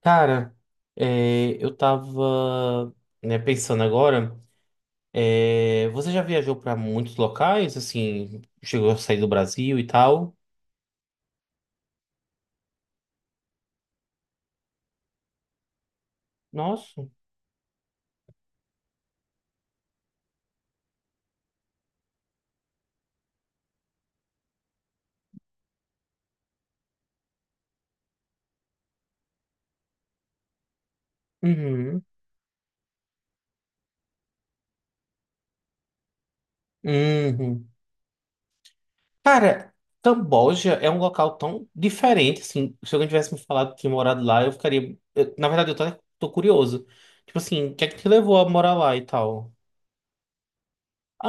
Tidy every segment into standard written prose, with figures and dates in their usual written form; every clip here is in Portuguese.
Cara, eu tava, né, pensando agora, você já viajou pra muitos locais, assim, chegou a sair do Brasil e tal? Nossa. Uhum. Uhum. Cara, Camboja é um local tão diferente, assim, se alguém tivesse me falado que tinha morado lá, eu ficaria, na verdade, tô curioso. Tipo assim, o que é que te levou a morar lá e tal?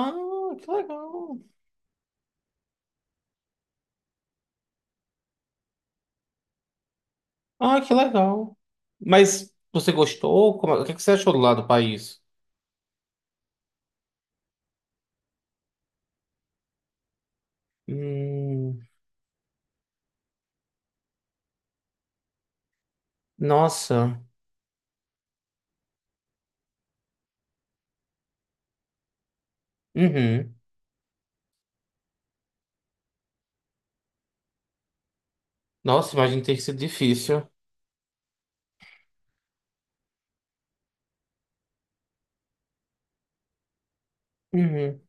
Ah, que legal. Ah, que legal. Mas você gostou? O que é que você achou do lado do país? Hum, nossa. Uhum. Nossa, imagina ter sido difícil. Uhum.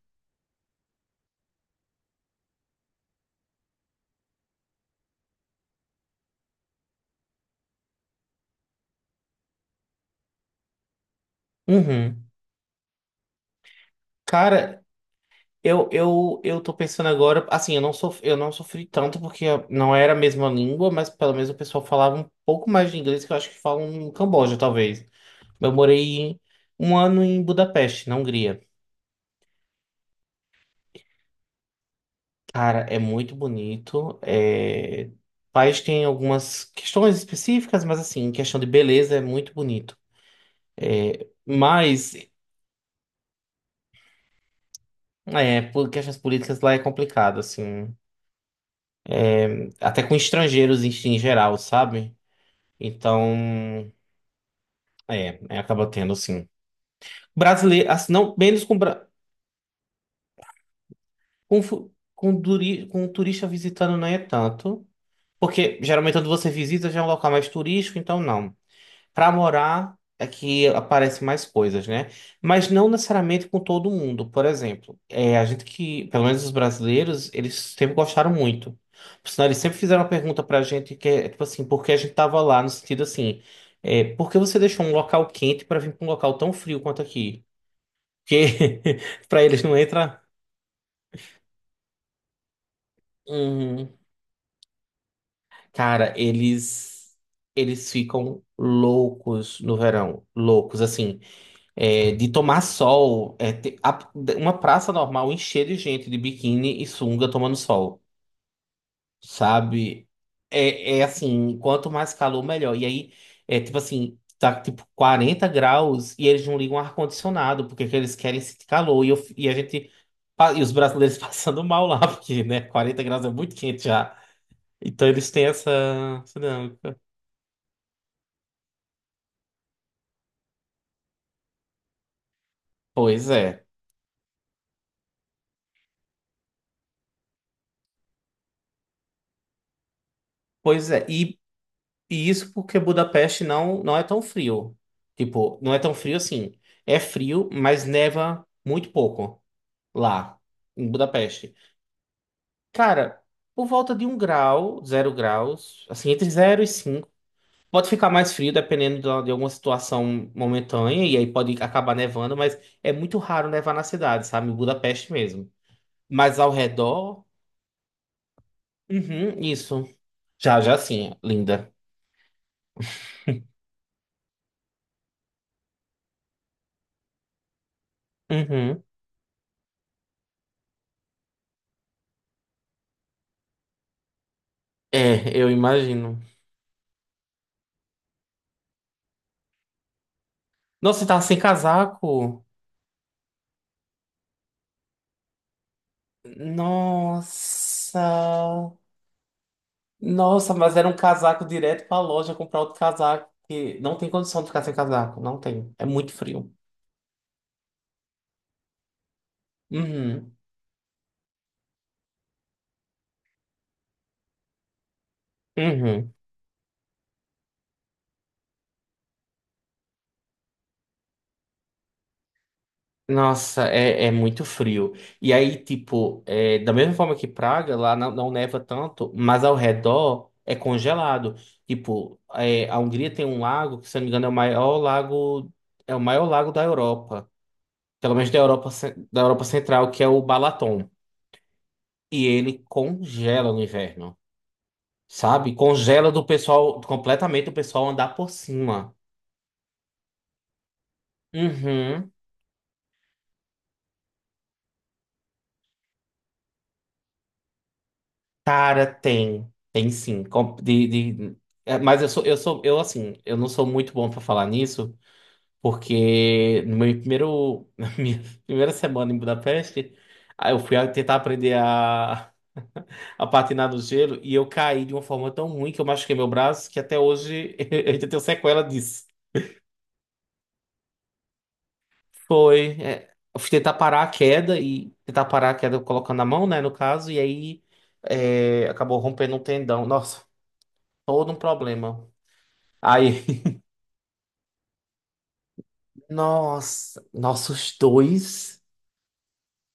Uhum. Cara, eu tô pensando agora, assim, eu não sofri tanto porque não era a mesma língua, mas pelo menos o pessoal falava um pouco mais de inglês que eu acho que falam no Camboja, talvez. Eu morei um ano em Budapeste, na Hungria. Cara, é muito bonito. É. O país tem algumas questões específicas, mas assim, em questão de beleza é muito bonito. Mas é, porque questões políticas lá é complicado, assim. Até com estrangeiros em, em geral, sabe? Então, acaba tendo, assim. Brasileiro, assim, não, menos com, bra- com, fu- com, duri- com turista visitando não é tanto. Porque geralmente quando você visita já é um local mais turístico, então não. Para morar é que aparecem mais coisas, né? Mas não necessariamente com todo mundo. Por exemplo, é, a gente que, pelo menos os brasileiros, eles sempre gostaram muito. Por sinal, eles sempre fizeram uma pergunta pra gente que é tipo assim, por que a gente tava lá? No sentido assim, é, por que você deixou um local quente para vir para um local tão frio quanto aqui? Porque para eles não entra. Uhum. Cara, eles ficam loucos no verão, loucos assim. É, de tomar sol, uma praça normal encher de gente de biquíni e sunga tomando sol, sabe? É, é assim, quanto mais calor, melhor. E aí, é tipo assim, tá tipo 40 graus e eles não ligam o ar-condicionado, porque que eles querem sentir calor. E, a gente, os brasileiros passando mal lá, porque, né, 40 graus é muito quente já. Então eles têm essa, essa dinâmica. Pois é. Pois é. E isso porque Budapeste não, não é tão frio. Tipo, não é tão frio assim. É frio, mas neva muito pouco lá, em Budapeste. Cara, por volta de um grau, zero graus, assim, entre zero e cinco. Pode ficar mais frio dependendo de alguma situação momentânea, e aí pode acabar nevando, mas é muito raro nevar na cidade, sabe? Em Budapeste mesmo. Mas ao redor, uhum, isso. Já, já sim, linda. Uhum. É, eu imagino. Nossa, você tava sem casaco. Nossa. Nossa, mas era um casaco direto pra loja comprar outro casaco. Que não tem condição de ficar sem casaco. Não tem. É muito frio. Uhum. Uhum. Nossa, é, é muito frio. E aí, tipo, é, da mesma forma que Praga, lá não, não neva tanto, mas ao redor é congelado. Tipo, é, a Hungria tem um lago que, se eu não me engano, é o maior lago, é o maior lago da Europa. Pelo menos da Europa, da Europa Central, que é o Balaton. E ele congela no inverno, sabe? Congela do pessoal, completamente o pessoal andar por cima. Uhum. Cara, tem. Tem sim. Mas eu sou, eu sou, eu assim, eu não sou muito bom pra falar nisso, porque no meu primeiro, na minha primeira semana em Budapeste, aí eu fui tentar aprender a patinar no gelo e eu caí de uma forma tão ruim que eu machuquei meu braço que até hoje eu ainda tenho sequela disso. Foi. É, eu fui tentar parar a queda e tentar parar a queda colocando a mão, né, no caso, e aí é, acabou rompendo um tendão. Nossa, todo um problema. Aí, nossa, nossos dois.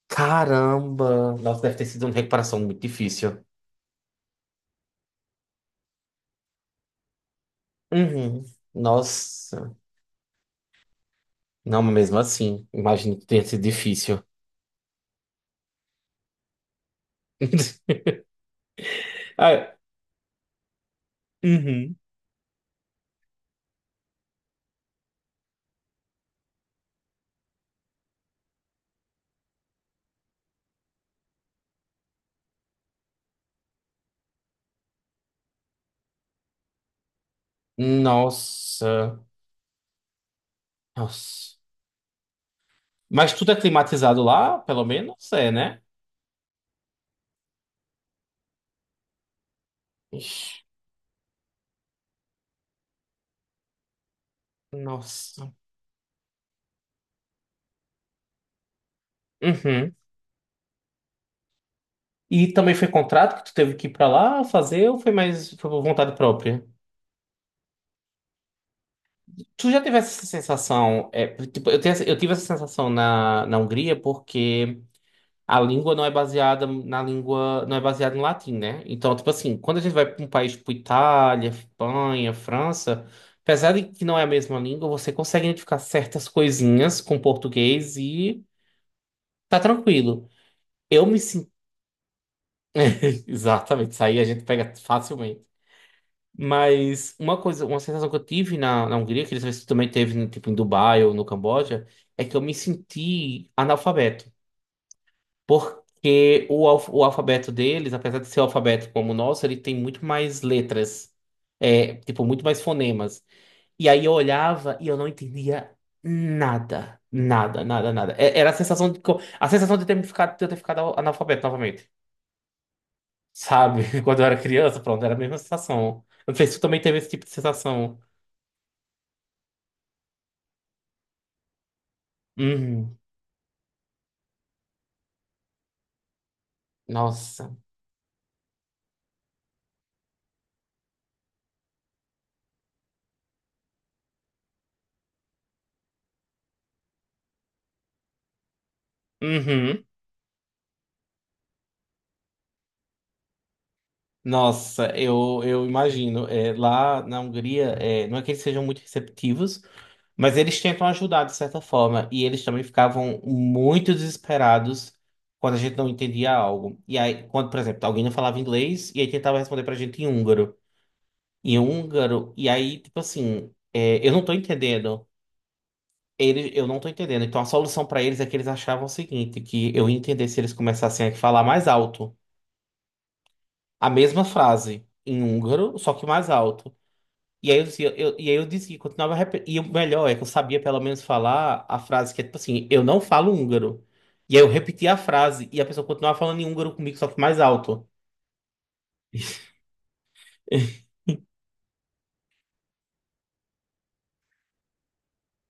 Caramba! Nossa, deve ter sido uma recuperação muito difícil. Uhum. Nossa. Não, mas mesmo assim, imagino que tenha sido difícil. Ah, uhum. Nossa, nossa. Mas tudo é climatizado lá, pelo menos é, né? Ixi, nossa. Uhum. E também foi contrato que tu teve que ir pra lá fazer ou foi mais foi por vontade própria? Tu já teve essa sensação? É, tipo, tenho eu tive essa sensação na, na Hungria porque a língua não é baseada na língua, não é baseada em latim, né? Então, tipo assim, quando a gente vai para um país tipo Itália, Espanha, França, apesar de que não é a mesma língua, você consegue identificar certas coisinhas com português e tá tranquilo. Eu me sinto. Exatamente, isso aí a gente pega facilmente. Mas uma coisa, uma sensação que eu tive na, na Hungria, que eles também teve tipo, em Dubai ou no Camboja, é que eu me senti analfabeto. Porque o alfabeto deles, apesar de ser o alfabeto como o nosso, ele tem muito mais letras. É, tipo, muito mais fonemas. E aí eu olhava e eu não entendia nada. Nada, nada, nada. Era a sensação de, a sensação de de eu ter ficado analfabeto novamente. Sabe? Quando eu era criança, pronto, era a mesma sensação. Eu não sei se tu também teve esse tipo de sensação. Uhum. Nossa. Uhum. Nossa, eu imagino. É, lá na Hungria, é, não é que eles sejam muito receptivos. Mas eles tentam ajudar de certa forma, e eles também ficavam muito desesperados quando a gente não entendia algo. E aí, quando, por exemplo, alguém não falava inglês, e aí tentava responder pra gente em húngaro. Em húngaro, e aí, tipo assim, é, eu não tô entendendo. Eles, eu não tô entendendo. Então a solução pra eles é que eles achavam o seguinte, que eu ia entender se eles começassem a falar mais alto. A mesma frase em húngaro, só que mais alto. E aí e aí eu disse que continuava repetindo. E o melhor é que eu sabia pelo menos falar a frase que é tipo assim, eu não falo húngaro. E aí eu repeti a frase e a pessoa continuava falando em húngaro comigo, só que mais alto.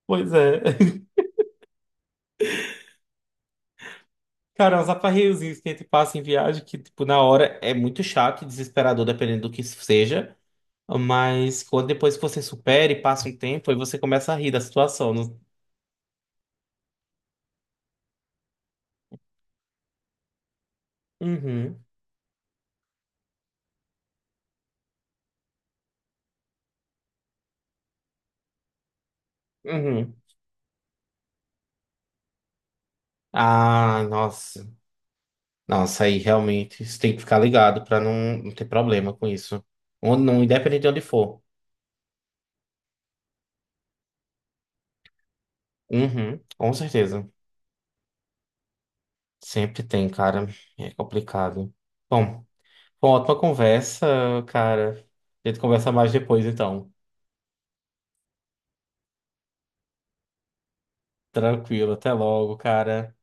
Pois é. Cara, uns aperreiozinhos que a gente passa em viagem que, tipo, na hora é muito chato e desesperador, dependendo do que isso seja. Mas quando depois que você supera e passa um tempo, aí você começa a rir da situação. Não- uhum, uhum. Ah, nossa. Nossa, aí realmente você tem que ficar ligado pra não ter problema com isso. Onde, não, independente de onde for. Uhum, com certeza. Sempre tem, cara. É complicado. Bom, foi uma ótima conversa, cara. A gente conversa mais depois, então. Tranquilo, até logo, cara.